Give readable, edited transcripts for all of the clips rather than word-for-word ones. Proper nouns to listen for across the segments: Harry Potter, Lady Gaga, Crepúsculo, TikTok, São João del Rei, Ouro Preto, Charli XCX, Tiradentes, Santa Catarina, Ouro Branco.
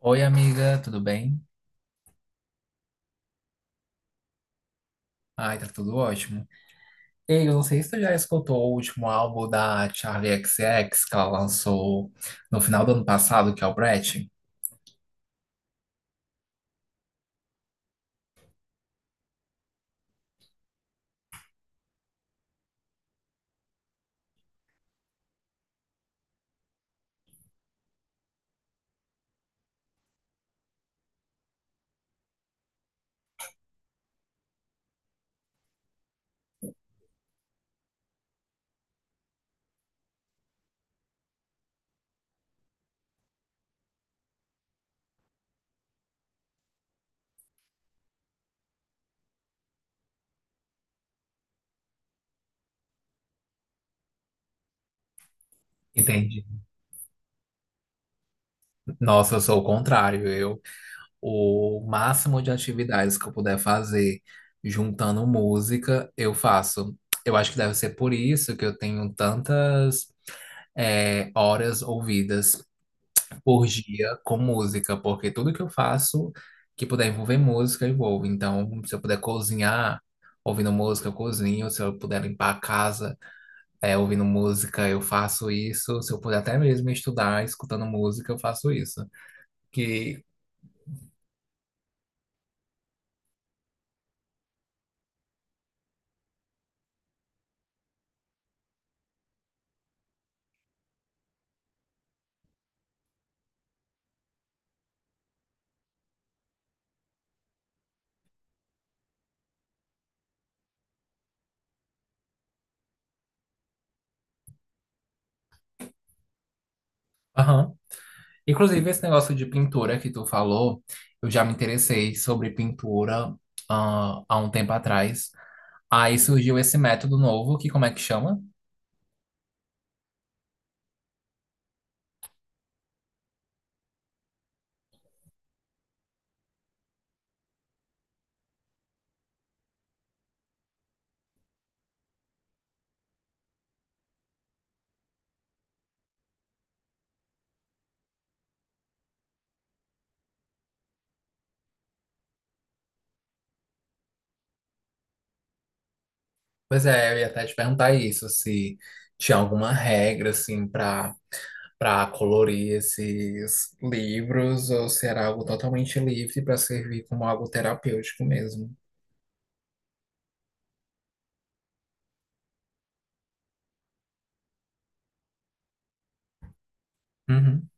Oi, amiga, tudo bem? Ai, tá tudo ótimo. Ei, eu não sei se tu já escutou o último álbum da Charli XCX que ela lançou no final do ano passado, que é o Brett. Entendi. Nossa, eu sou o contrário. Eu, o máximo de atividades que eu puder fazer juntando música, eu faço. Eu acho que deve ser por isso que eu tenho tantas, horas ouvidas. Orgia com música, porque tudo que eu faço que puder envolver música, eu envolvo. Então, se eu puder cozinhar ouvindo música, eu cozinho. Se eu puder limpar a casa é, ouvindo música, eu faço isso. Se eu puder até mesmo estudar escutando música, eu faço isso. Que, aham. Inclusive, esse negócio de pintura que tu falou, eu já me interessei sobre pintura ah, há um tempo atrás. Aí surgiu esse método novo, que como é que chama? Pois é, eu ia até te perguntar isso, se tinha alguma regra, assim, para para colorir esses livros, ou se era algo totalmente livre para servir como algo terapêutico mesmo. Uhum.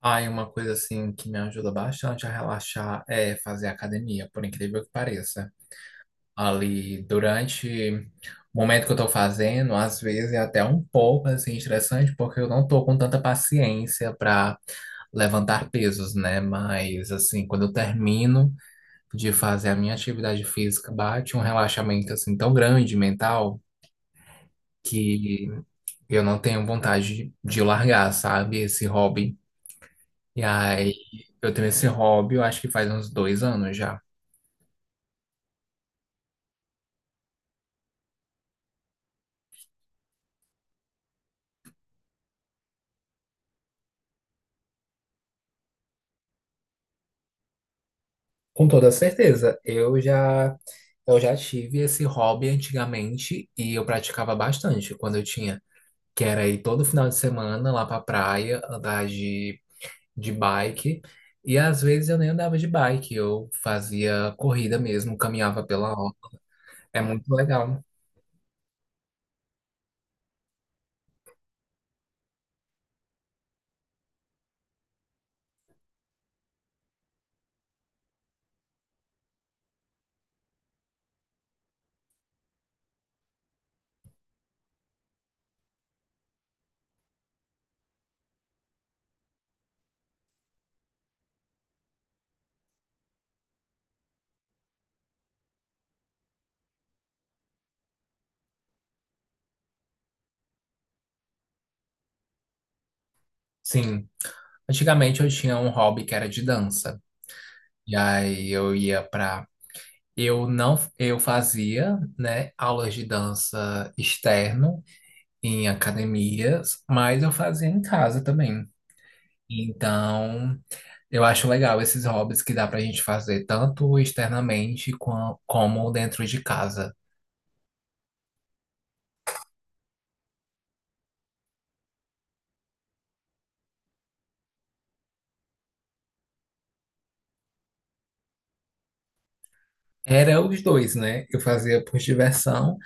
Ah, e uma coisa, assim, que me ajuda bastante a relaxar é fazer academia, por incrível que pareça. Ali, durante o momento que eu tô fazendo, às vezes, é até um pouco assim, estressante, porque eu não tô com tanta paciência para levantar pesos, né? Mas assim, quando eu termino de fazer a minha atividade física, bate um relaxamento assim tão grande mental que eu não tenho vontade de largar, sabe, esse hobby. E aí, eu tenho esse hobby, eu acho que faz uns dois anos já. Com toda certeza. Eu já tive esse hobby antigamente e eu praticava bastante quando eu tinha, que era ir todo final de semana lá pra praia, andar de bike. E às vezes eu nem andava de bike, eu fazia corrida mesmo, caminhava pela orla. É muito legal. Sim. Antigamente eu tinha um hobby que era de dança. E aí eu ia pra. Eu não, eu fazia, né, aulas de dança externo em academias, mas eu fazia em casa também. Então, eu acho legal esses hobbies que dá pra gente fazer tanto externamente como dentro de casa. Era os dois, né? Eu fazia por diversão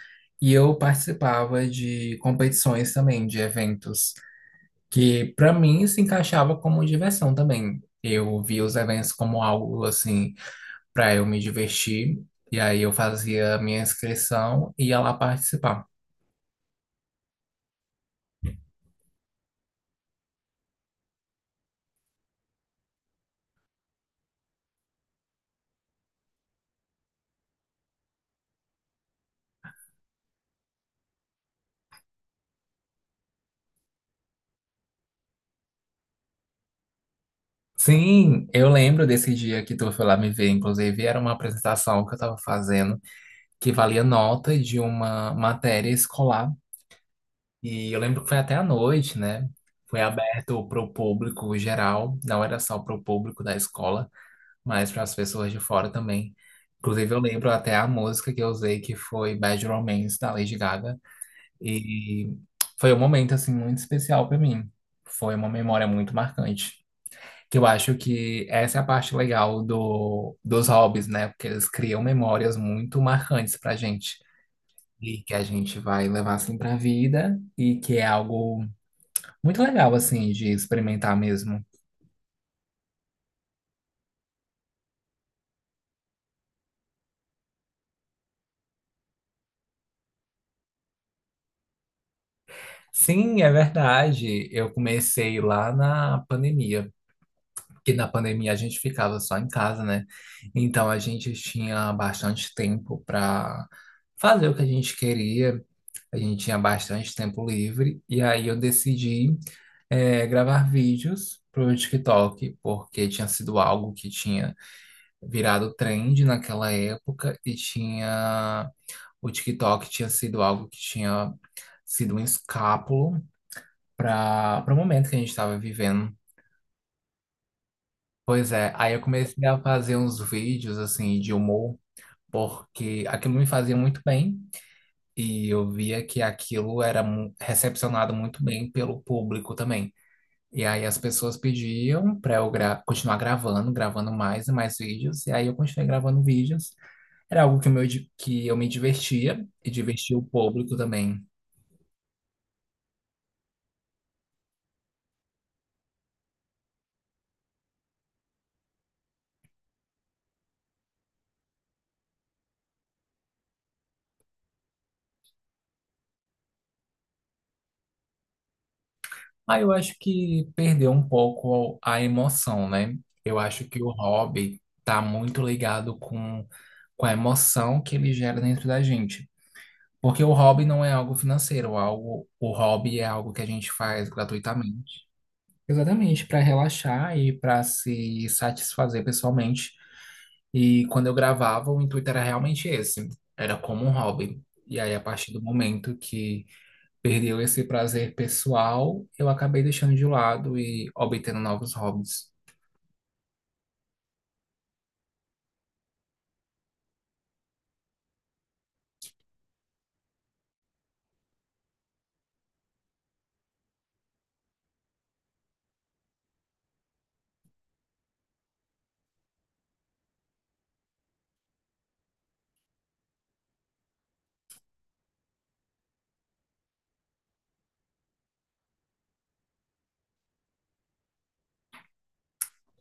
e eu participava de competições também, de eventos, que para mim se encaixava como diversão também. Eu via os eventos como algo assim para eu me divertir, e aí eu fazia a minha inscrição e ia lá participar. Sim, eu lembro desse dia que tu foi lá me ver. Inclusive, era uma apresentação que eu tava fazendo que valia nota de uma matéria escolar. E eu lembro que foi até à noite, né? Foi aberto para o público geral, não era só para o público da escola, mas para as pessoas de fora também. Inclusive, eu lembro até a música que eu usei, que foi Bad Romance, da Lady Gaga. E foi um momento, assim, muito especial para mim. Foi uma memória muito marcante. Que eu acho que essa é a parte legal do, dos hobbies, né? Porque eles criam memórias muito marcantes pra gente. E que a gente vai levar assim pra vida. E que é algo muito legal, assim, de experimentar mesmo. Sim, é verdade. Eu comecei lá na pandemia. Porque na pandemia a gente ficava só em casa, né? Então a gente tinha bastante tempo pra fazer o que a gente queria. A gente tinha bastante tempo livre, e aí eu decidi gravar vídeos para o TikTok, porque tinha sido algo que tinha virado trend naquela época, e tinha o TikTok tinha sido algo que tinha sido um escápulo para para o momento que a gente estava vivendo. Pois é, aí eu comecei a fazer uns vídeos assim de humor, porque aquilo me fazia muito bem. E eu via que aquilo era recepcionado muito bem pelo público também. E aí as pessoas pediam para eu continuar gravando, gravando mais e mais vídeos, e aí eu continuei gravando vídeos. Era algo que, meu, que eu me divertia e divertia o público também. Aí eu acho que perdeu um pouco a emoção, né? Eu acho que o hobby tá muito ligado com a emoção que ele gera dentro da gente. Porque o hobby não é algo financeiro, algo, o hobby é algo que a gente faz gratuitamente. Exatamente, para relaxar e para se satisfazer pessoalmente. E quando eu gravava, o intuito era realmente esse, era como um hobby. E aí, a partir do momento que perdeu esse prazer pessoal, eu acabei deixando de lado e obtendo novos hobbies.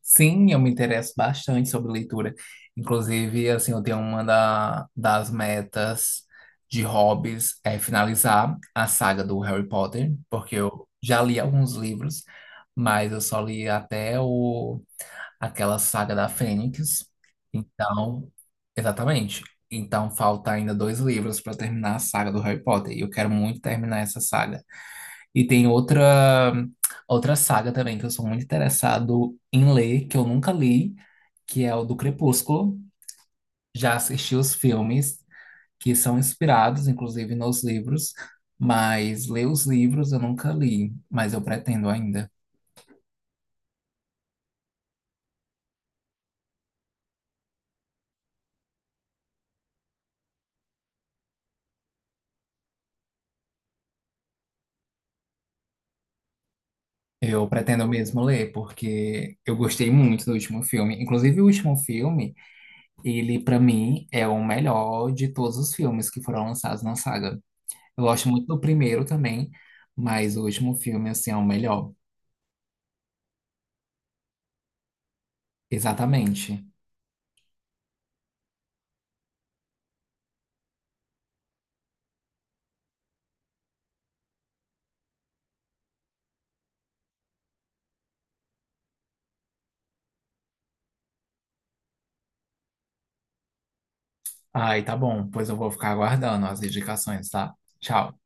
Sim, eu me interesso bastante sobre leitura. Inclusive, assim, eu tenho uma das metas de hobbies é finalizar a saga do Harry Potter, porque eu já li alguns livros, mas eu só li até o, aquela saga da Fênix. Então, exatamente. Então, falta ainda dois livros para terminar a saga do Harry Potter. E eu quero muito terminar essa saga. E tem outra outra saga também que eu sou muito interessado em ler, que eu nunca li, que é o do Crepúsculo. Já assisti os filmes que são inspirados, inclusive, nos livros, mas ler os livros eu nunca li, mas eu pretendo ainda. Eu pretendo mesmo ler, porque eu gostei muito do último filme. Inclusive, o último filme, ele, para mim, é o melhor de todos os filmes que foram lançados na saga. Eu gosto muito do primeiro também, mas o último filme, assim, é o melhor. Exatamente. Ai, tá bom. Pois eu vou ficar aguardando as indicações, tá? Tchau.